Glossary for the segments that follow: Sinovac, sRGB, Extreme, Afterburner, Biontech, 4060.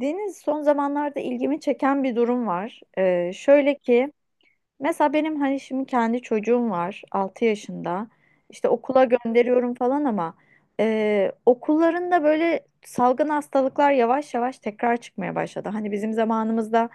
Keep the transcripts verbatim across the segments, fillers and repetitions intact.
Deniz, son zamanlarda ilgimi çeken bir durum var. Ee, şöyle ki. Mesela benim hani şimdi kendi çocuğum var altı yaşında. İşte okula gönderiyorum falan ama e, okullarında böyle salgın hastalıklar yavaş yavaş tekrar çıkmaya başladı. Hani bizim zamanımızda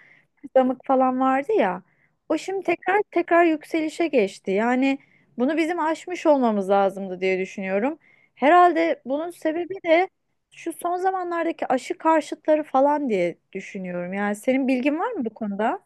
damık falan vardı ya. O şimdi tekrar tekrar yükselişe geçti. Yani bunu bizim aşmış olmamız lazımdı diye düşünüyorum. Herhalde bunun sebebi de şu son zamanlardaki aşı karşıtları falan diye düşünüyorum. Yani senin bilgin var mı bu konuda?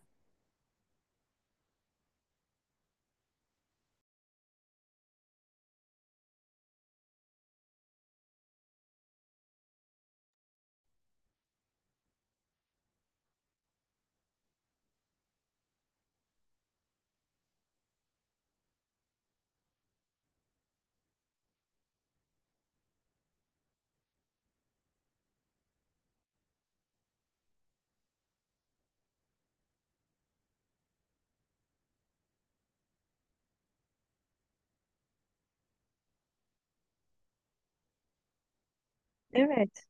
Evet.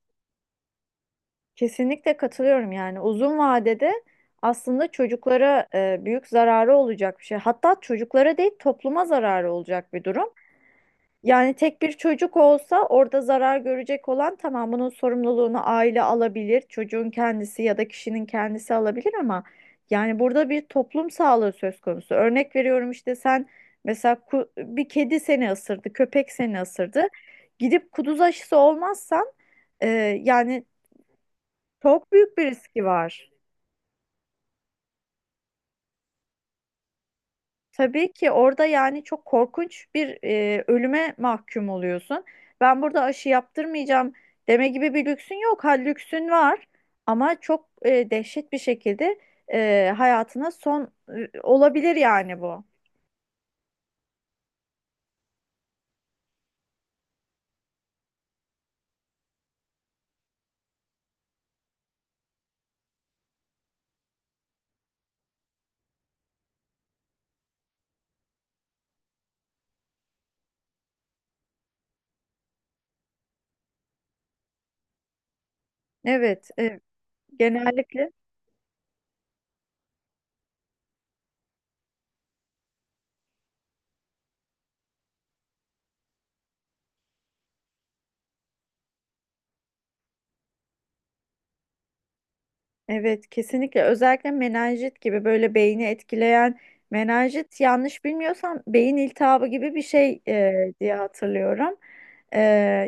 Kesinlikle katılıyorum, yani uzun vadede aslında çocuklara e, büyük zararı olacak bir şey. Hatta çocuklara değil, topluma zararı olacak bir durum. Yani tek bir çocuk olsa, orada zarar görecek olan, tamam, bunun sorumluluğunu aile alabilir, çocuğun kendisi ya da kişinin kendisi alabilir, ama yani burada bir toplum sağlığı söz konusu. Örnek veriyorum, işte sen mesela ku- bir kedi seni ısırdı, köpek seni ısırdı. Gidip kuduz aşısı olmazsan e, yani çok büyük bir riski var. Tabii ki orada yani çok korkunç bir e, ölüme mahkum oluyorsun. Ben burada aşı yaptırmayacağım deme gibi bir lüksün yok. Ha, lüksün var ama çok e, dehşet bir şekilde e, hayatına son e, olabilir yani bu. Evet, e, genellikle. Evet, kesinlikle, özellikle menenjit gibi böyle beyni etkileyen, menenjit yanlış bilmiyorsam beyin iltihabı gibi bir şey e, diye hatırlıyorum. E,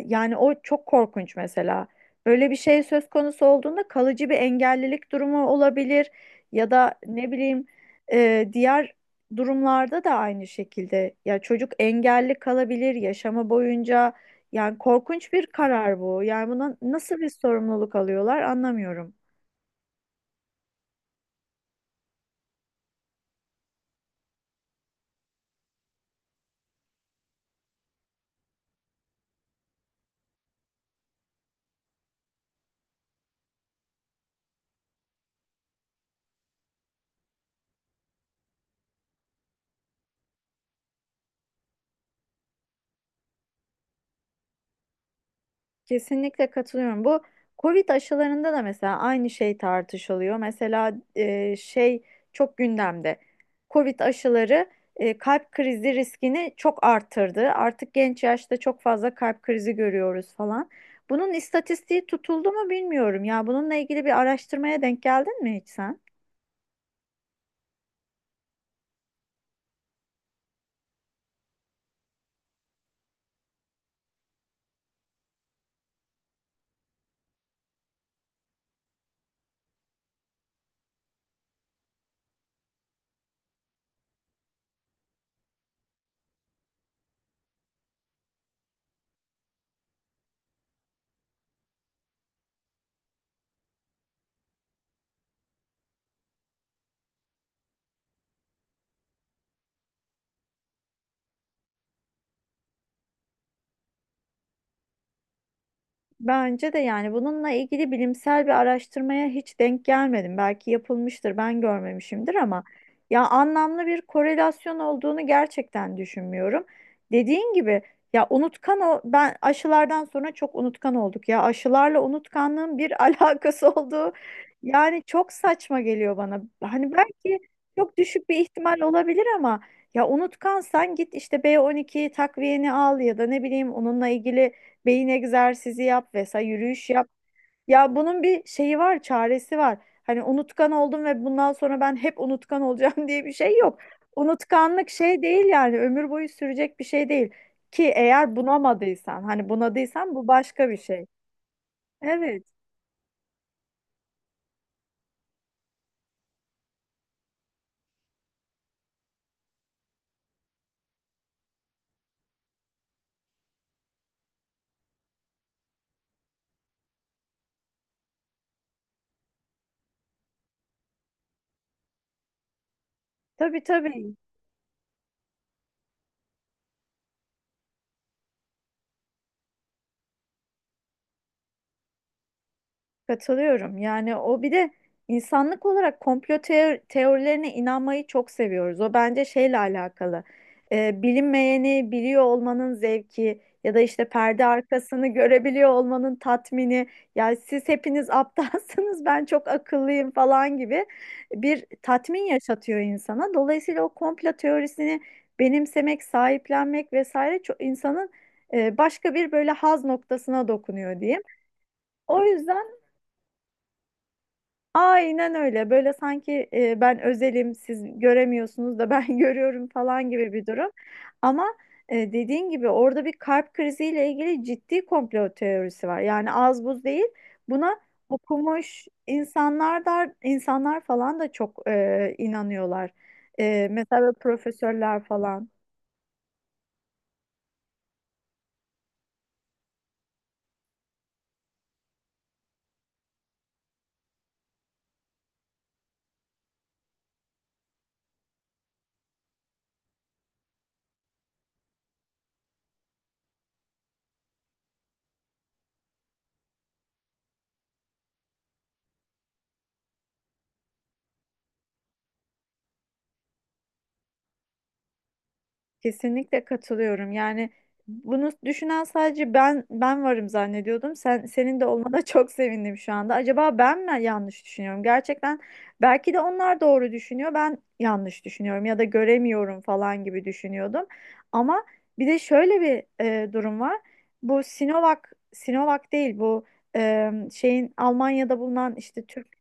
Yani o çok korkunç mesela. Böyle bir şey söz konusu olduğunda kalıcı bir engellilik durumu olabilir ya da ne bileyim e, diğer durumlarda da aynı şekilde. Ya çocuk engelli kalabilir yaşama boyunca. Yani korkunç bir karar bu. Yani buna nasıl bir sorumluluk alıyorlar, anlamıyorum. Kesinlikle katılıyorum. Bu Covid aşılarında da mesela aynı şey tartışılıyor. Mesela e, şey çok gündemde. Covid aşıları e, kalp krizi riskini çok arttırdı. Artık genç yaşta çok fazla kalp krizi görüyoruz falan. Bunun istatistiği tutuldu mu bilmiyorum. Ya bununla ilgili bir araştırmaya denk geldin mi hiç sen? Bence de yani bununla ilgili bilimsel bir araştırmaya hiç denk gelmedim. Belki yapılmıştır, ben görmemişimdir, ama ya anlamlı bir korelasyon olduğunu gerçekten düşünmüyorum. Dediğin gibi, ya unutkan o, ben aşılardan sonra çok unutkan olduk ya. Aşılarla unutkanlığın bir alakası olduğu, yani çok saçma geliyor bana. Hani belki çok düşük bir ihtimal olabilir, ama ya unutkansan git işte B on iki takviyeni al ya da ne bileyim onunla ilgili beyin egzersizi yap vesaire, yürüyüş yap. Ya bunun bir şeyi var, çaresi var. Hani unutkan oldum ve bundan sonra ben hep unutkan olacağım diye bir şey yok. Unutkanlık şey değil, yani ömür boyu sürecek bir şey değil. Ki eğer bunamadıysan, hani bunadıysan bu başka bir şey. Evet, tabii tabii. Katılıyorum. Yani o bir de insanlık olarak komplo teo- teorilerine inanmayı çok seviyoruz. O bence şeyle alakalı. Ee, bilinmeyeni biliyor olmanın zevki ya da işte perde arkasını görebiliyor olmanın tatmini. Yani siz hepiniz aptalsınız, ben çok akıllıyım falan gibi bir tatmin yaşatıyor insana. Dolayısıyla o komplo teorisini benimsemek, sahiplenmek vesaire çok insanın e, başka bir böyle haz noktasına dokunuyor, diyeyim. O yüzden, aynen öyle. Böyle sanki e, ben özelim, siz göremiyorsunuz da ben görüyorum falan gibi bir durum. Ama e, dediğin gibi orada bir kalp kriziyle ilgili ciddi komplo teorisi var. Yani az buz değil. Buna okumuş insanlar da, insanlar falan da çok e, inanıyorlar. E, mesela böyle profesörler falan. Kesinlikle katılıyorum. Yani bunu düşünen sadece ben ben varım zannediyordum. Sen senin de olmana çok sevindim şu anda. Acaba ben mi yanlış düşünüyorum? Gerçekten belki de onlar doğru düşünüyor. Ben yanlış düşünüyorum ya da göremiyorum falan gibi düşünüyordum. Ama bir de şöyle bir e, durum var. Bu Sinovac, Sinovac değil bu, e, şeyin Almanya'da bulunan işte Türk.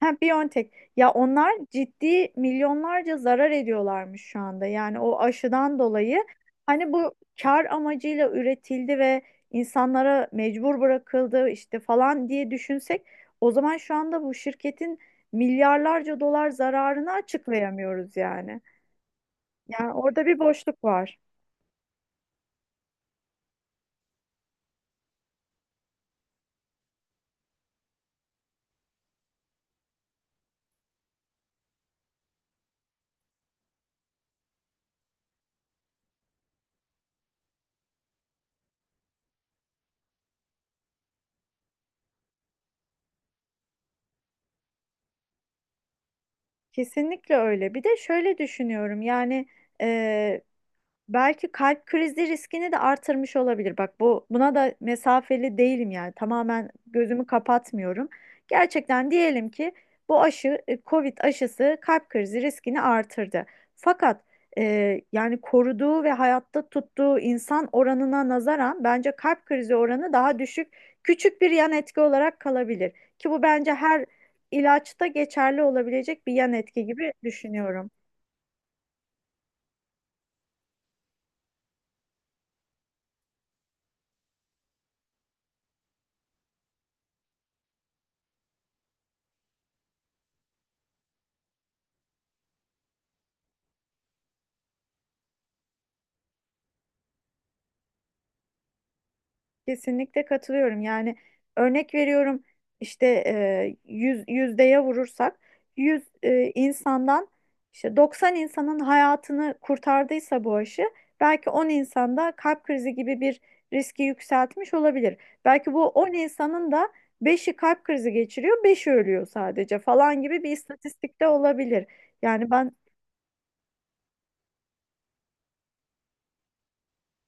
Ha, Biontech. Ya onlar ciddi milyonlarca zarar ediyorlarmış şu anda. Yani o aşıdan dolayı, hani bu kar amacıyla üretildi ve insanlara mecbur bırakıldı işte falan diye düşünsek, o zaman şu anda bu şirketin milyarlarca dolar zararını açıklayamıyoruz yani. Yani orada bir boşluk var. Kesinlikle öyle. Bir de şöyle düşünüyorum, yani eee, belki kalp krizi riskini de artırmış olabilir. Bak, bu buna da mesafeli değilim yani. Tamamen gözümü kapatmıyorum. Gerçekten diyelim ki bu aşı e, Covid aşısı kalp krizi riskini artırdı. Fakat e, yani koruduğu ve hayatta tuttuğu insan oranına nazaran bence kalp krizi oranı daha düşük, küçük bir yan etki olarak kalabilir. Ki bu bence her ilaçta geçerli olabilecek bir yan etki gibi düşünüyorum. Kesinlikle katılıyorum. Yani örnek veriyorum işte, e, yüz yüzdeye vurursak yüz e, insandan işte doksan insanın hayatını kurtardıysa bu aşı, belki on insanda kalp krizi gibi bir riski yükseltmiş olabilir. Belki bu on insanın da beşi kalp krizi geçiriyor, beşi ölüyor sadece falan gibi bir istatistikte olabilir. Yani ben.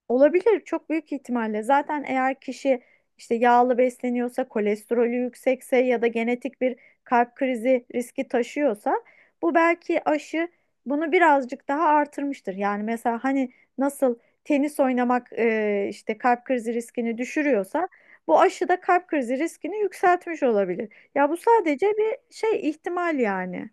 Olabilir, çok büyük ihtimalle. Zaten eğer kişi işte yağlı besleniyorsa, kolesterolü yüksekse ya da genetik bir kalp krizi riski taşıyorsa bu, belki aşı bunu birazcık daha artırmıştır. Yani mesela, hani nasıl tenis oynamak e, işte kalp krizi riskini düşürüyorsa bu aşı da kalp krizi riskini yükseltmiş olabilir. Ya bu sadece bir şey ihtimal yani.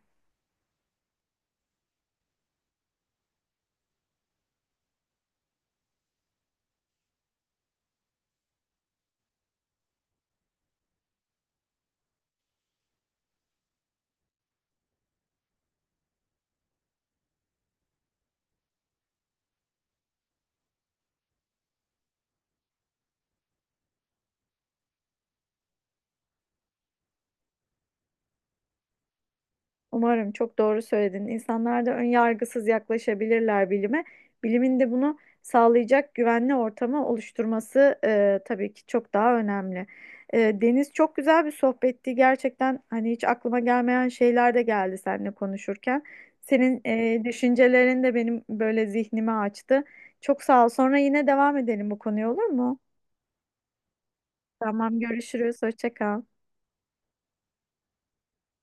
Umarım, çok doğru söyledin. İnsanlar da ön yargısız yaklaşabilirler bilime. Bilimin de bunu sağlayacak güvenli ortamı oluşturması e, tabii ki çok daha önemli. E, Deniz, çok güzel bir sohbetti. Gerçekten hani hiç aklıma gelmeyen şeyler de geldi seninle konuşurken. Senin e, düşüncelerin de benim böyle zihnimi açtı. Çok sağ ol. Sonra yine devam edelim bu konuya, olur mu? Tamam, görüşürüz. Hoşça kal.